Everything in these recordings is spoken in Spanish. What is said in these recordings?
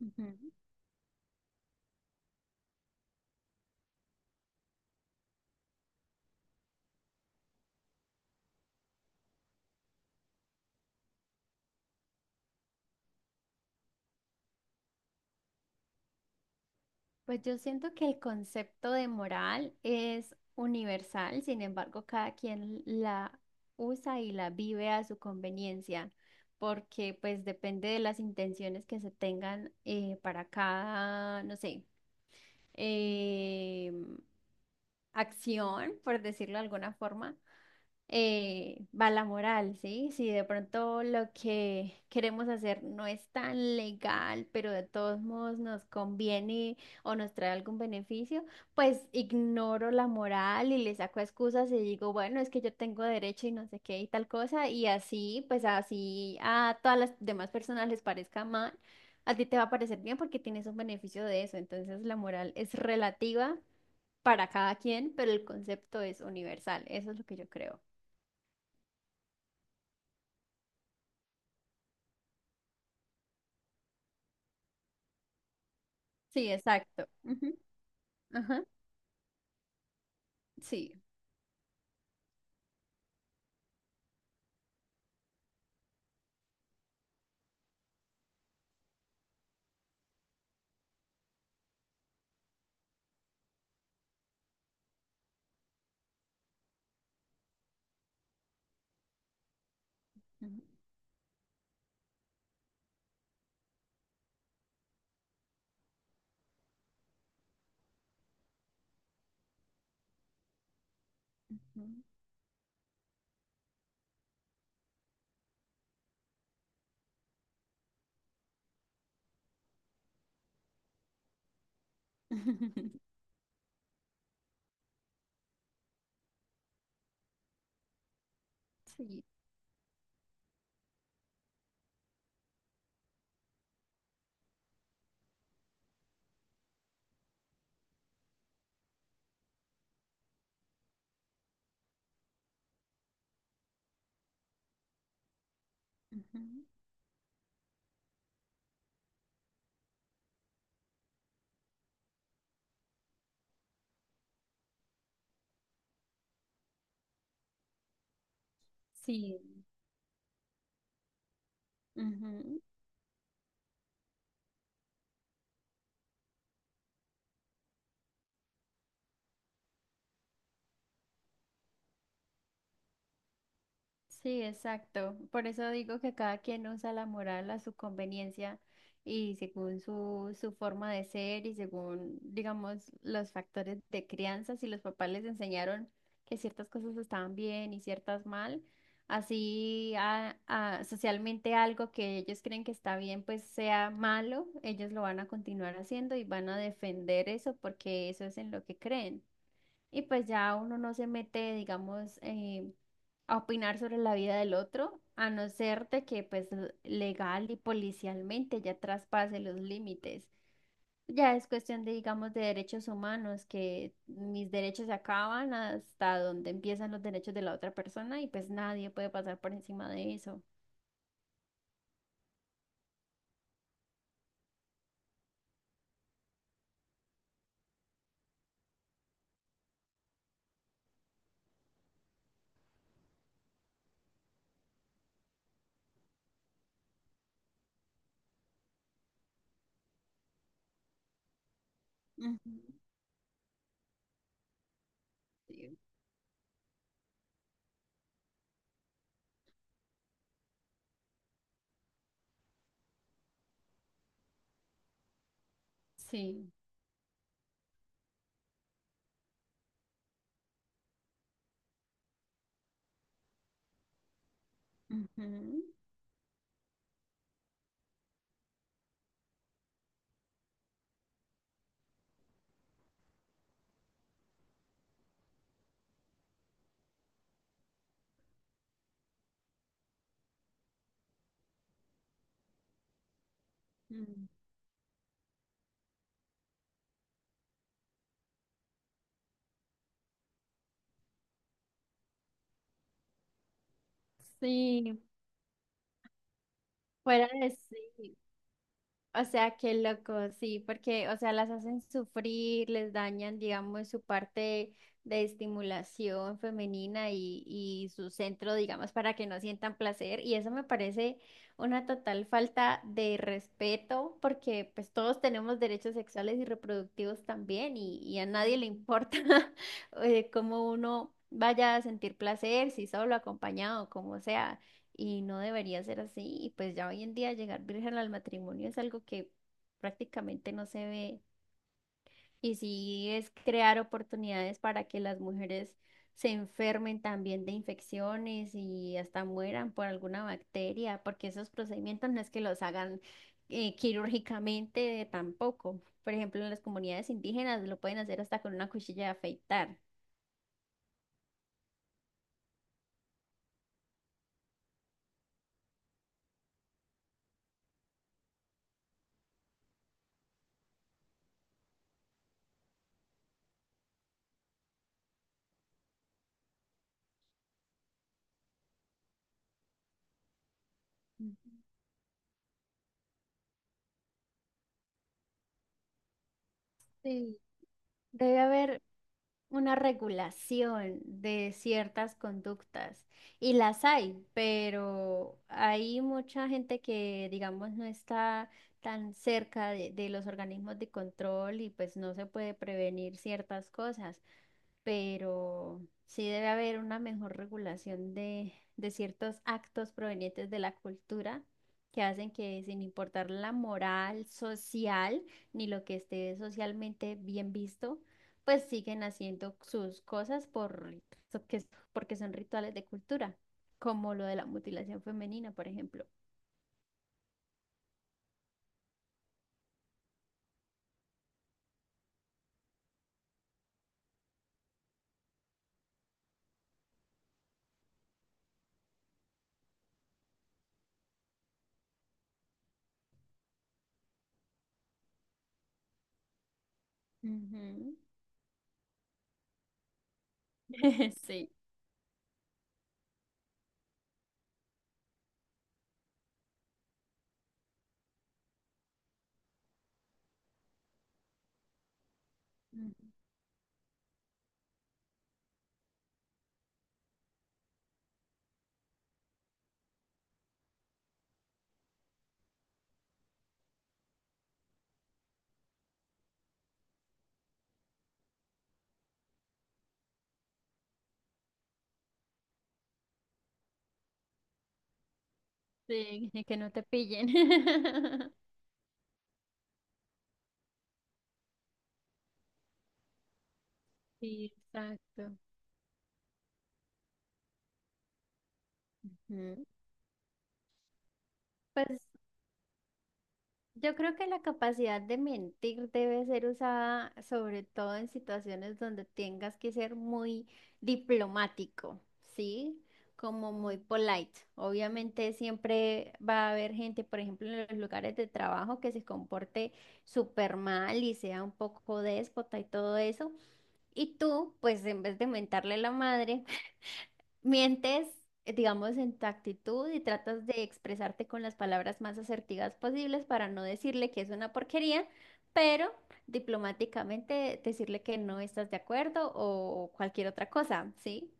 Ujú. Pues yo siento que el concepto de moral es universal, sin embargo, cada quien la usa y la vive a su conveniencia, porque pues depende de las intenciones que se tengan para cada, no sé, em, acción, por decirlo de alguna forma. Va la moral, ¿sí? Si de pronto lo que queremos hacer no es tan legal, pero de todos modos nos conviene o nos trae algún beneficio, pues ignoro la moral y le saco excusas y digo, bueno, es que yo tengo derecho y no sé qué y tal cosa, y así, pues así a todas las demás personas les parezca mal. A ti te va a parecer bien porque tienes un beneficio de eso. Entonces la moral es relativa para cada quien, pero el concepto es universal. Eso es lo que yo creo. Sí, exacto. Ujú. Ajá, sí. Ujú, ujú. Sí. Ujú. Sí. Ujú. Sí, exacto. Por eso digo que cada quien usa la moral a su conveniencia y según su forma de ser y según, digamos, los factores de crianza, si los papás les enseñaron que ciertas cosas estaban bien y ciertas mal, así socialmente algo que ellos creen que está bien, pues sea malo, ellos lo van a continuar haciendo y van a defender eso porque eso es en lo que creen. Y pues ya uno no se mete, digamos, a opinar sobre la vida del otro, a no ser de que pues legal y policialmente ya traspase los límites. Ya es cuestión de, digamos, de derechos humanos, que mis derechos se acaban hasta donde empiezan los derechos de la otra persona y pues nadie puede pasar por encima de eso. Ujú. Sí. Sí. Ujú. Mm. Sí, fuera de sí. O sea, qué loco, sí, porque, o sea, las hacen sufrir, les dañan, digamos, su parte de estimulación femenina y su centro, digamos, para que no sientan placer. Y eso me parece una total falta de respeto, porque pues todos tenemos derechos sexuales y reproductivos también, y a nadie le importa cómo uno vaya a sentir placer, si solo, acompañado, como sea y no debería ser así. Y pues ya hoy en día llegar virgen al matrimonio es algo que prácticamente no se ve. Y sí es crear oportunidades para que las mujeres se enfermen también de infecciones y hasta mueran por alguna bacteria, porque esos procedimientos no es que los hagan quirúrgicamente tampoco. Por ejemplo, en las comunidades indígenas lo pueden hacer hasta con una cuchilla de afeitar. Ujú. Sí, debe haber una regulación de ciertas conductas y las hay, pero hay mucha gente que, digamos, no está tan cerca de los organismos de control y pues no se puede prevenir ciertas cosas pero sí debe haber una mejor regulación de ciertos actos provenientes de la cultura que hacen que sin importar la moral social ni lo que esté socialmente bien visto, pues siguen haciendo sus cosas por, so- que- porque son rituales de cultura, como lo de la mutilación femenina, por ejemplo. Ujú. Sí, ujú. Sí, que no te pillen. Sí, exacto. Ujú. Pues yo creo que la capacidad de mentir debe ser usada sobre todo en situaciones donde tengas que ser muy diplomático, ¿sí? Como muy polite. Obviamente siempre va a haber gente, por ejemplo, en los lugares de trabajo que se comporte súper mal y sea un poco déspota y todo eso. Y tú, pues en vez de mentarle la madre, mientes, digamos, en tu actitud y tratas de expresarte con las palabras más asertivas posibles para no decirle que es una porquería, pero diplomáticamente decirle que no estás de acuerdo o cualquier otra cosa, ¿sí?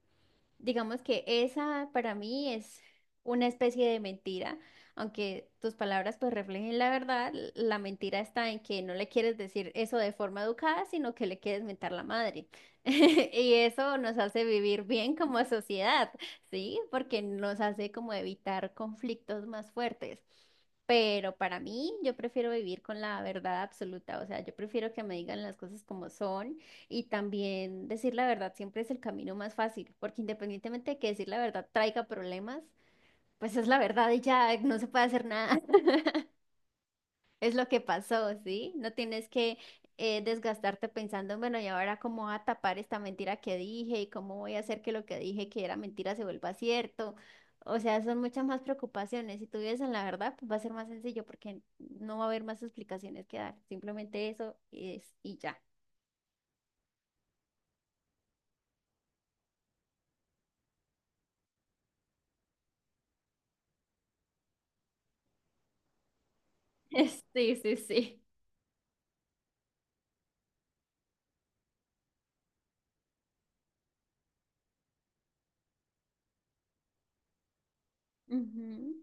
Digamos que esa para mí es una especie de mentira, aunque tus palabras pues reflejen la verdad, la mentira está en que no le quieres decir eso de forma educada, sino que le quieres mentar la madre. Y eso nos hace vivir bien como sociedad, ¿sí? Porque nos hace como evitar conflictos más fuertes. Pero para mí, yo prefiero vivir con la verdad absoluta, o sea, yo prefiero que me digan las cosas como son y también decir la verdad siempre es el camino más fácil, porque independientemente de que decir la verdad traiga problemas, pues es la verdad y ya no se puede hacer nada. Es lo que pasó, ¿sí? No tienes que desgastarte pensando, bueno, ¿y ahora cómo voy a tapar esta mentira que dije? ¿Y cómo voy a hacer que lo que dije que era mentira se vuelva cierto? O sea, son muchas más preocupaciones. Si tú vives en la verdad, pues va a ser más sencillo porque no va a haber más explicaciones que dar. Simplemente eso es y ya. Sí, sí, sí. Ujú.